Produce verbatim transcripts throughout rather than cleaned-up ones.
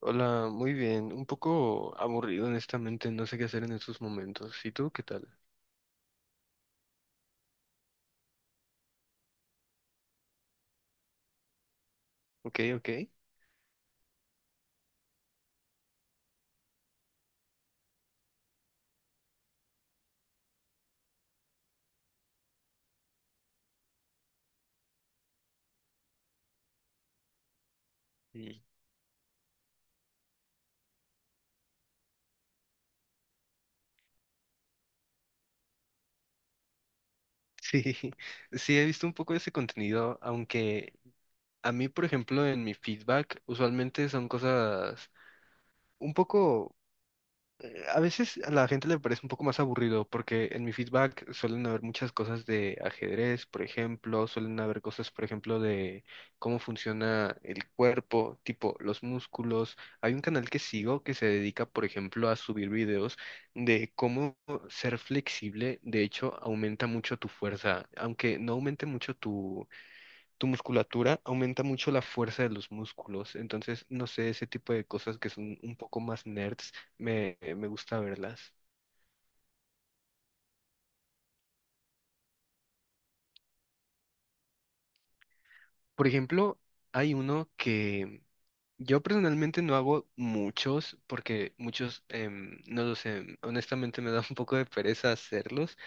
Hola, muy bien. Un poco aburrido, honestamente. No sé qué hacer en estos momentos. ¿Y tú qué tal? Ok, ok. Mm. Sí, sí, he visto un poco de ese contenido, aunque a mí, por ejemplo, en mi feedback, usualmente son cosas un poco eh, a veces a la gente le parece un poco más aburrido porque en mi feedback suelen haber muchas cosas de ajedrez, por ejemplo, suelen haber cosas, por ejemplo, de cómo funciona el cuerpo, tipo los músculos. Hay un canal que sigo que se dedica, por ejemplo, a subir videos de cómo ser flexible. De hecho, aumenta mucho tu fuerza, aunque no aumente mucho tu tu musculatura, aumenta mucho la fuerza de los músculos. Entonces, no sé, ese tipo de cosas que son un poco más nerds, me, me gusta verlas. Por ejemplo, hay uno que yo personalmente no hago muchos, porque muchos, em, no lo sé, honestamente me da un poco de pereza hacerlos,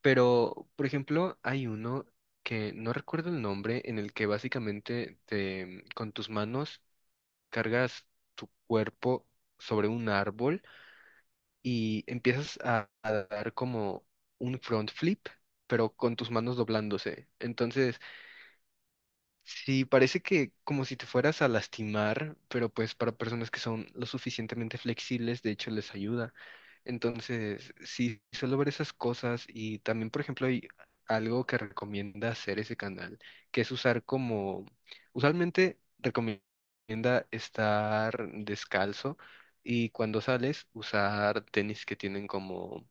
pero, por ejemplo, hay uno que no recuerdo el nombre, en el que básicamente te, con tus manos cargas tu cuerpo sobre un árbol y empiezas a, a dar como un front flip, pero con tus manos doblándose. Entonces, sí, parece que como si te fueras a lastimar, pero pues para personas que son lo suficientemente flexibles, de hecho les ayuda. Entonces, sí, suelo ver esas cosas y también, por ejemplo, hay algo que recomienda hacer ese canal, que es usar como, usualmente recomienda estar descalzo y cuando sales usar tenis que tienen como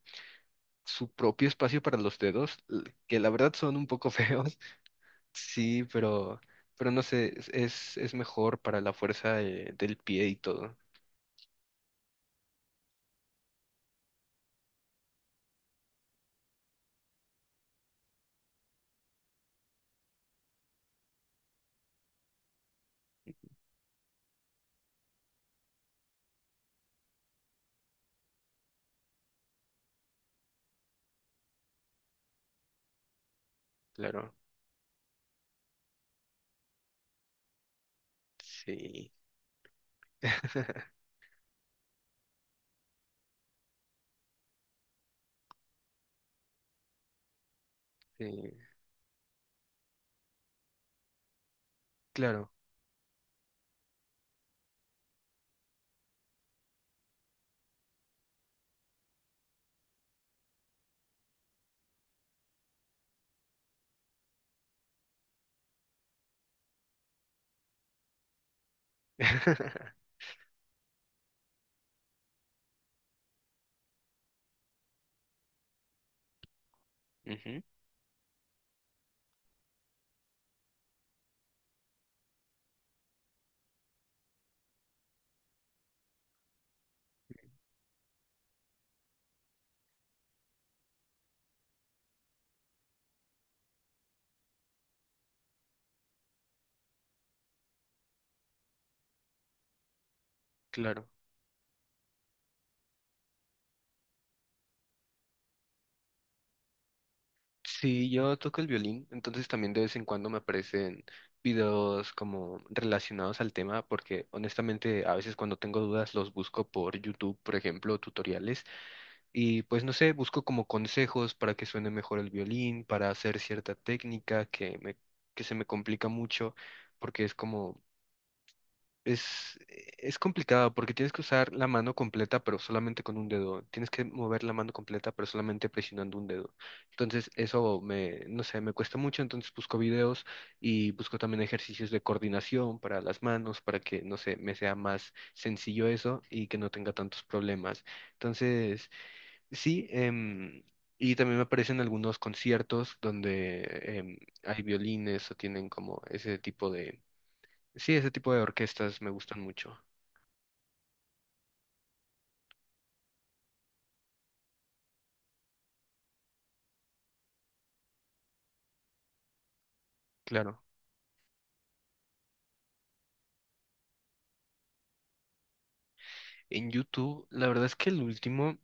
su propio espacio para los dedos, l- que la verdad son un poco feos. Sí, pero, pero no sé, es, es es mejor para la fuerza de- del pie y todo. Claro, sí, sí, claro. Ujú, claro. Sí, yo toco el violín, entonces también de vez en cuando me aparecen videos como relacionados al tema, porque honestamente a veces cuando tengo dudas los busco por YouTube, por ejemplo, tutoriales, y pues no sé, busco como consejos para que suene mejor el violín, para hacer cierta técnica que me, que se me complica mucho, porque es como es, es complicado porque tienes que usar la mano completa pero solamente con un dedo. Tienes que mover la mano completa pero solamente presionando un dedo. Entonces eso me, no sé, me cuesta mucho. Entonces busco videos y busco también ejercicios de coordinación para las manos, para que, no sé, me sea más sencillo eso y que no tenga tantos problemas. Entonces, sí, em, y también me aparecen algunos conciertos donde em, hay violines o tienen como ese tipo de... Sí, ese tipo de orquestas me gustan mucho, claro. En YouTube, la verdad es que el último...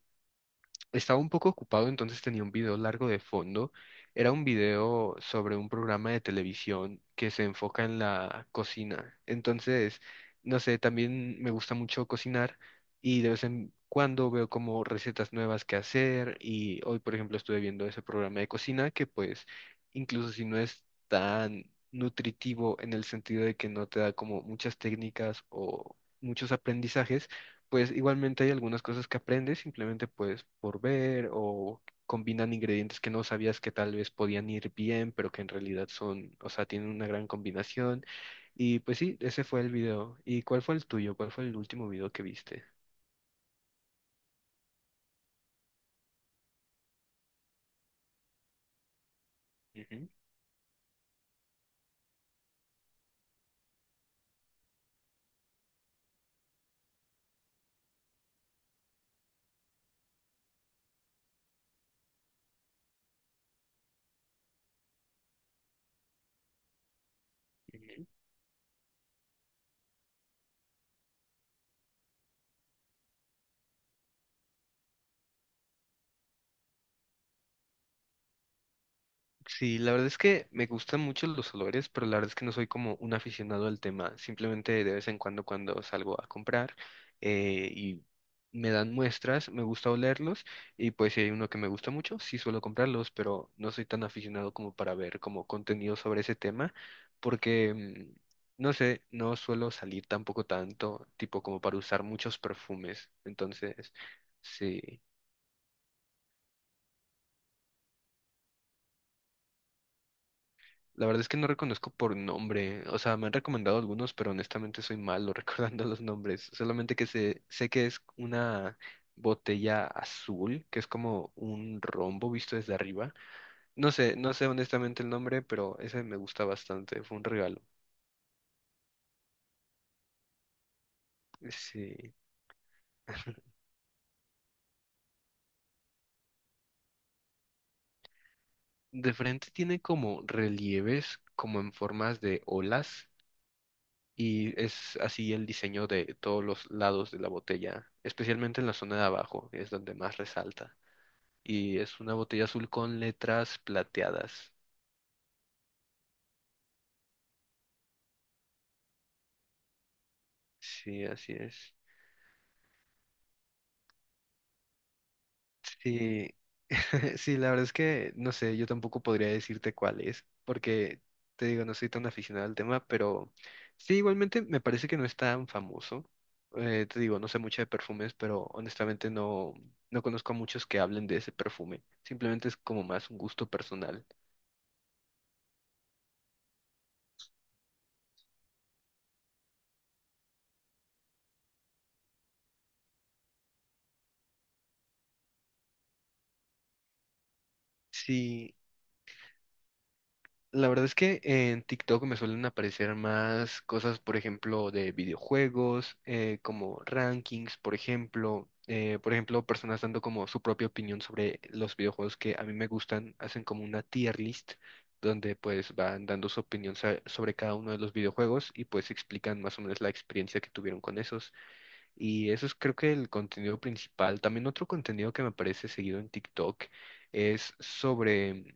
Estaba un poco ocupado, entonces tenía un video largo de fondo. Era un video sobre un programa de televisión que se enfoca en la cocina. Entonces, no sé, también me gusta mucho cocinar y de vez en cuando veo como recetas nuevas que hacer y hoy, por ejemplo, estuve viendo ese programa de cocina que pues, incluso si no es tan nutritivo en el sentido de que no te da como muchas técnicas o muchos aprendizajes, pues igualmente hay algunas cosas que aprendes simplemente pues por ver o combinan ingredientes que no sabías que tal vez podían ir bien, pero que en realidad son, o sea, tienen una gran combinación. Y pues sí, ese fue el video. ¿Y cuál fue el tuyo? ¿Cuál fue el último video que viste? Ujú, ujú. Sí, la verdad es que me gustan mucho los olores, pero la verdad es que no soy como un aficionado al tema. Simplemente de vez en cuando cuando salgo a comprar eh, y me dan muestras, me gusta olerlos y pues si hay uno que me gusta mucho, sí suelo comprarlos, pero no soy tan aficionado como para ver como contenido sobre ese tema porque, mm, no sé, no suelo salir tampoco tanto, tipo como para usar muchos perfumes. Entonces, sí. La verdad es que no reconozco por nombre. O sea, me han recomendado algunos, pero honestamente soy malo recordando los nombres. Solamente que sé, sé que es una botella azul, que es como un rombo visto desde arriba. No sé, no sé honestamente el nombre, pero ese me gusta bastante. Fue un regalo. Sí. De frente tiene como relieves, como en formas de olas. Y es así el diseño de todos los lados de la botella, especialmente en la zona de abajo, es donde más resalta. Y es una botella azul con letras plateadas. Sí, así es. Sí, sí, la verdad es que no sé, yo tampoco podría decirte cuál es, porque te digo, no soy tan aficionado al tema, pero sí, igualmente me parece que no es tan famoso. Eh, te digo, no sé mucho de perfumes, pero honestamente no, no conozco a muchos que hablen de ese perfume. Simplemente es como más un gusto personal. Sí, la verdad es que en TikTok me suelen aparecer más cosas, por ejemplo, de videojuegos, eh, como rankings, por ejemplo. Eh, por ejemplo, personas dando como su propia opinión sobre los videojuegos que a mí me gustan, hacen como una tier list donde pues van dando su opinión sa- sobre cada uno de los videojuegos y pues explican más o menos la experiencia que tuvieron con esos. Y eso es creo que el contenido principal. También otro contenido que me aparece seguido en TikTok es sobre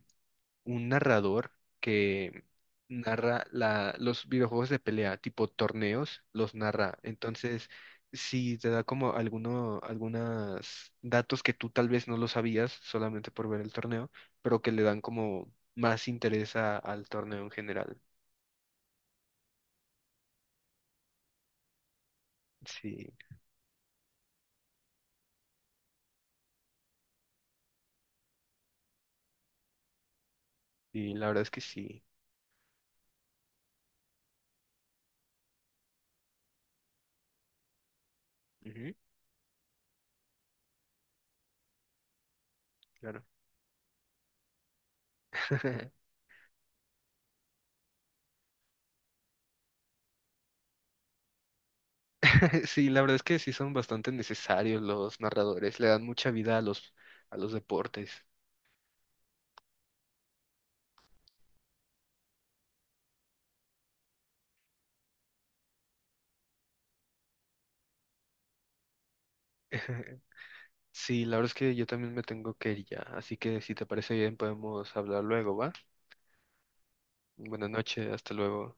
un narrador que narra la, los videojuegos de pelea, tipo torneos, los narra. Entonces, si te da como alguno, algunos datos que tú tal vez no lo sabías solamente por ver el torneo, pero que le dan como más interés a- al torneo en general. Sí, y la verdad es que sí. Ujú, claro. Sí, la verdad es que sí son bastante necesarios los narradores, le dan mucha vida a los, a los deportes. Sí, la verdad es que yo también me tengo que ir ya, así que si te parece bien podemos hablar luego, ¿va? Buenas noches, hasta luego.